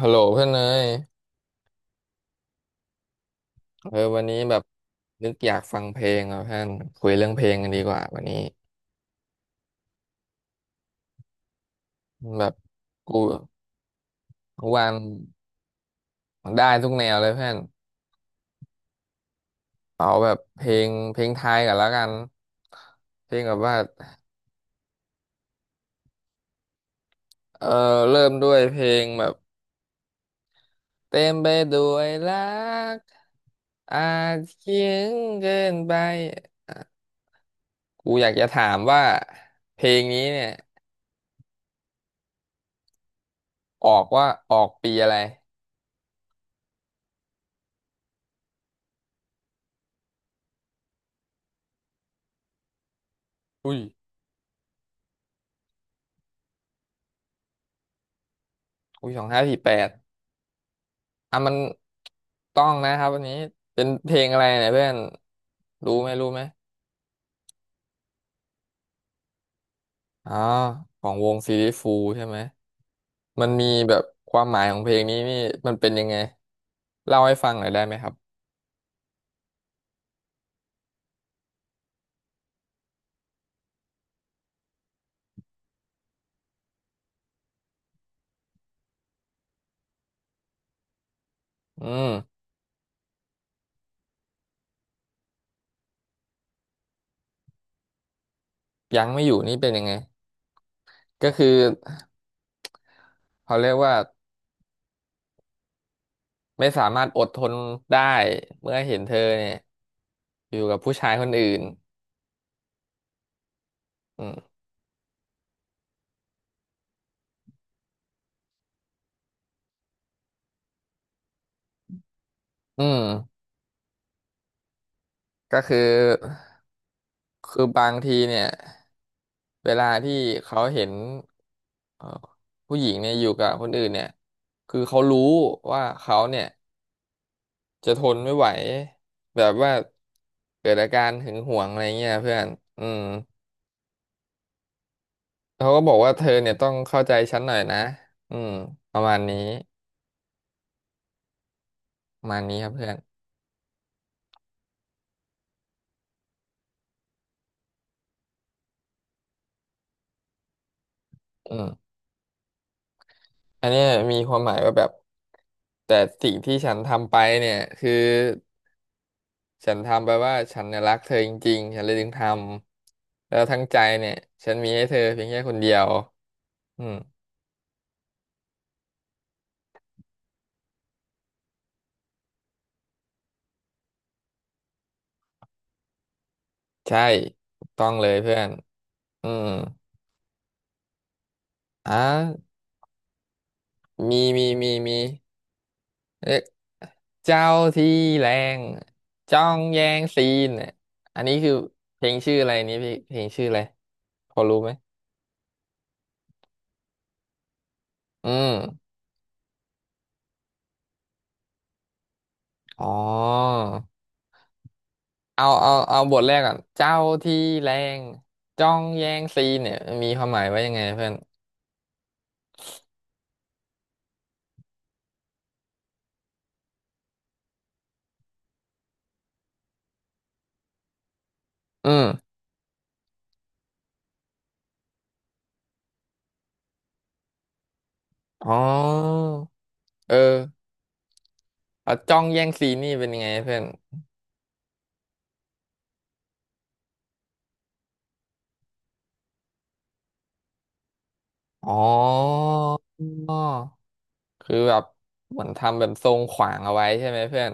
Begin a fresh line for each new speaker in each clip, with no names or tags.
ฮัลโหลเพื่อนเนยเออวันนี้แบบนึกอยากฟังเพลงอ่ะเพื่อนคุยเรื่องเพลงกันดีกว่าวันนี้แบบกูกูวางได้ทุกแนวเลยเพื่อนเอาแบบเพลงไทยกันแล้วกันเพลงแบบว่าเออเริ่มด้วยเพลงแบบเต็มไปด้วยรักอาจเขียงเกินไปกูอยากจะถามว่าเพลงนี้เนี่ยออกว่าออกปีอะไรอุ้ยอุ้ยสองห้าสี่แปด อ่ะมันต้องนะครับวันนี้เป็นเพลงอะไรเนี่ยเพื่อนรู้ไหมอ๋อของวงซีรีฟูใช่ไหมมันมีแบบความหมายของเพลงนี้นี่มันเป็นยังไงเล่าให้ฟังหน่อยได้ไหมครับอืมยังไม่อยู่นี่เป็นยังไงก็คือเขาเรียกว่าไม่สามารถอดทนได้เมื่อเห็นเธอเนี่ยอยู่กับผู้ชายคนอื่นอืมอืม ก็คือคือบางทีเนี่ยเวลาที่เขาเห็นเอ่อผู้หญิงเนี่ยอยู่กับคนอื่นเนี่ยคือเขารู้ว่าเขาเนี่ยจะทนไม่ไหวแบบว่าเกิดอาการหึงหวงอะไรเงี้ยเพื่อนอืมเขาก็บอกว่าเธอเนี่ยต้องเข้าใจฉันหน่อยนะอืมประมาณนี้ประมาณนี้ครับเพื่อนอืมอันเนี้ยมีความหมายว่าแบบแต่สิ่งที่ฉันทำไปเนี่ยคือ ฉันทำไปว่าฉันเนี่ยรักเธอจริงๆ ฉันเลยถึงทำแล้วทั้งใจเนี่ยฉันมีให้เธอเพียงแค่คนเดียวอืมใช่ถูกต้องเลยเพื่อนอืมอ่ะมีเรียกเจ้าที่แรงจ้องแย่งซีนเนี่ยอันนี้คือเพลงชื่ออะไรนี่พี่เพลงชื่ออะไรพอรู้ไหมอืมอ๋อเอาบทแรกก่อนเจ้าที่แรงจ้องแย่งซีนเนี่ยมีความหมายว่ายังไงเพื่อนอืม อ๋อเอออ่ะจ้องแย่งซีนนี่เป็นยังไงเพื่อนอ๋อคือแบบเหมือนทำแบบทรงขวางเอาไว้ใช่ไหมเพื่อน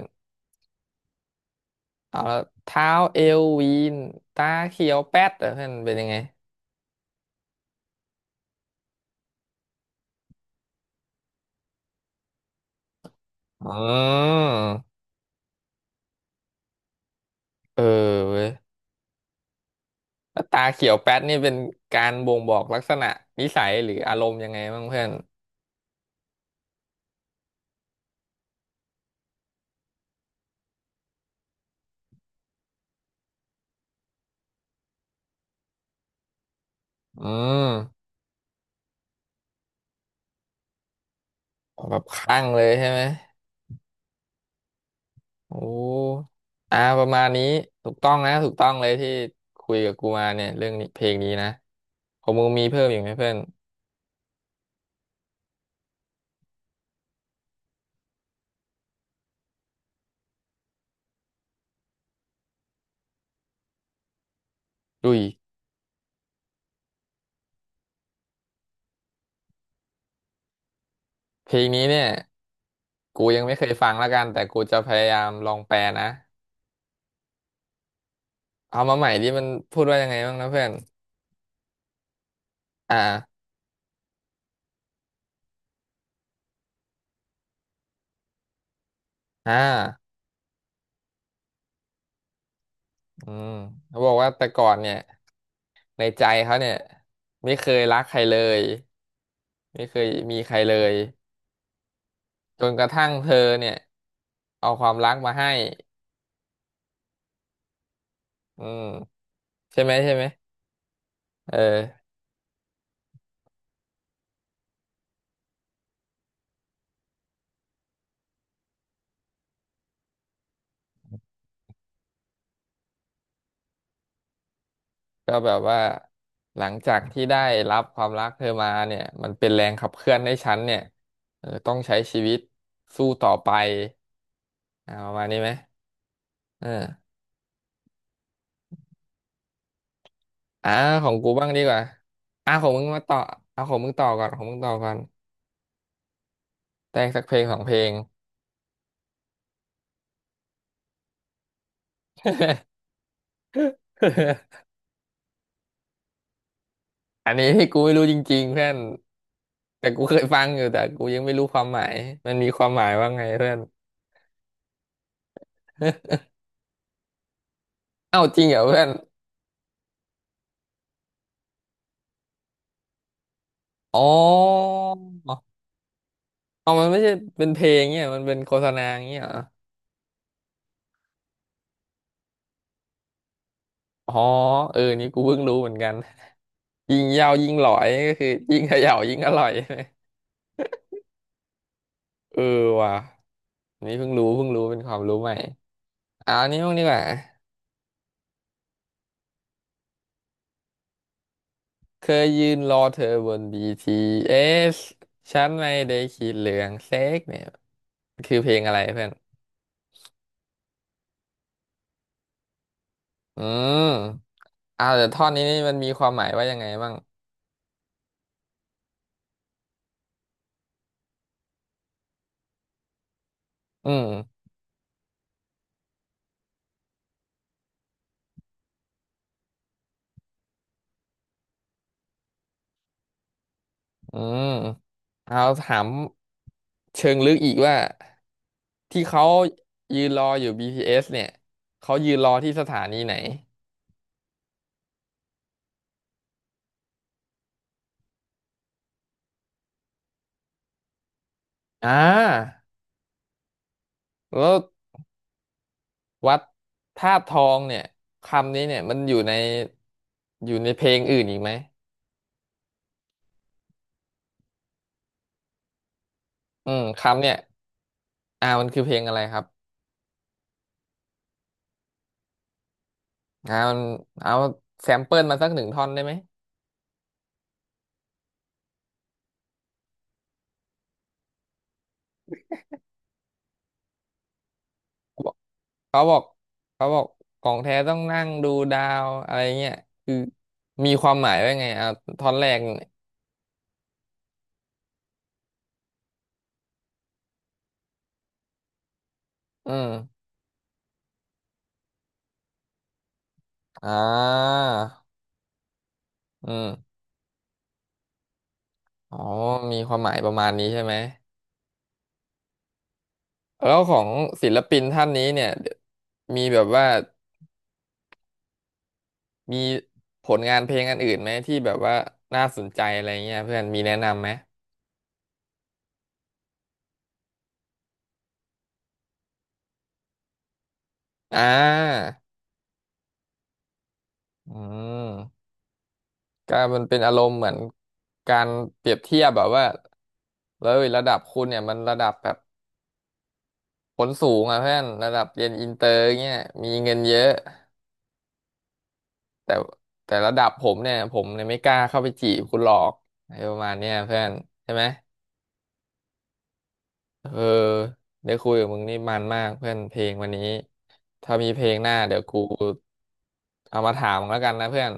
เอาแล้วเท้าเอววีนตาเขียวแป๊ดเหรอเพื่อนเป็นยังไงอ๋อเออเว้ยแล้วตาเขียวแป๊ดนี่เป็นการบ่งบอกลักษณะนิสัยหรืออารมณ์ยังไงบ้างเพื่อนอืมแบบคลั่งเลยใช่ไหม โอ้อ่าประมาณนี้ถูกต้องเลยที่คุยกับกูมาเนี่ยเรื่องนี้เพลงนี้นะของมึงมีเพิ่มอีกไหมเพื่อนดุยเพลงนี้เนี่ยกูยังไม่เคยฟังละกันแต่กูจะพยายามลองแปลนะเอามาใหม่ที่มันพูดว่ายังไงบ้างนะเพื่อนอ่าอ่าอืมเขาบอกว่าแต่ก่อนเนี่ยในใจเขาเนี่ยไม่เคยรักใครเลยไม่เคยมีใครเลยจนกระทั่งเธอเนี่ยเอาความรักมาให้อืมใช่ไหมเออ ก็แบบว่าหลังจากที่ได้รับความรักเธอมาเนี่ยมันเป็นแรงขับเคลื่อนให้ฉันเนี่ยเออต้องใช้ชีวิตสู้ต่อไปอ่าประมาณนี้ไหมเอออ่าของกูบ้างดีกว่าอ่าของมึงมาต่อเอาของมึงต่อก่อนของมึงต่อก่อนแต่งสักเพลงสองเพลง อันนี้ที่กูไม่รู้จริงๆเพื่อนแต่กูเคยฟังอยู่แต่กูยังไม่รู้ความหมายมันมีความหมายว่าไงเพื่อน เอ้าจริงเหรอเพื่อนอ๋ออ๋อมันไม่ใช่เป็นเพลงเนี่ยมันเป็นโฆษณาอย่างเงี้ยเหรอ อ๋อเออนี่กูเพิ่งรู้เหมือนกันยิงยาวยิงหลอยก็คือยิงเขย่ายิงอร่อย ใช่ไหมเออว่ะนี่เพิ่งรู้เป็นความรู้ใหม่เอาอันนี้บ้างดีกว่าเคยยืนรอเธอบน BTS ฉันไม่ได้คิดเรื่องเซ็กเนี่ยคือเพลงอะไรเพื่อนอืมเอาแต่ท่อนนี้นี่มันมีความหมายว่ายังไงบ้างอืมอืมเอาถามเชิงลึกอีกว่า ที่เขายืนรออยู่ BTS เอสเนี่ยเขายืนรอที่สถานีไหน อ่า แล้ววัดธาตุทองเนี่ย คำนี้เนี่ยมันอยู่ในเพลงอื่นอีกไหมอืมคำเนี่ยอ่ามันคือเพลงอะไรครับอ่ามันเอาแซมเปิลมาสักหนึ่งท่อนได้ไหมเขาบอกเขาบอกของแท้ต้องนั่งดูดาวอะไรเงี้ยคือมีความหมายว่าไงอ่าท่อนแรกเนี่ยอืมอ่าอืม อ๋อมีความหมายประมาณนี้ใช่ไหมแล้วของศิลปินท่านนี้เนี่ยมีแบบว่ามีผลงานเพลงอันอื่นไหมที่แบบว่าน่าสนใจอะไรเงี้ยเพื่อนมีแนะนำไหมอ่าอืมก็มันเป็นอารมณ์เหมือนการเปรียบเทียบแบบว่าแล้วระดับคุณเนี่ยมันระดับแบบผลสูงอ่ะเพื่อนระดับเรียนอินเตอร์เงี้ยมีเงินเยอะแต่แต่ระดับผมเนี่ยผมเนี่ยไม่กล้าเข้าไปจีบคุณหรอกอะไรประมาณเนี้ยเพื่อนใช่ไหม เออได้คุยกับมึงนี่มันมากเพื่อนเพลงวันนี้ ถ้ามีเพลงหน้าเดี๋ยวกูเอามาถามมึงแล้วกันนะเพื่อน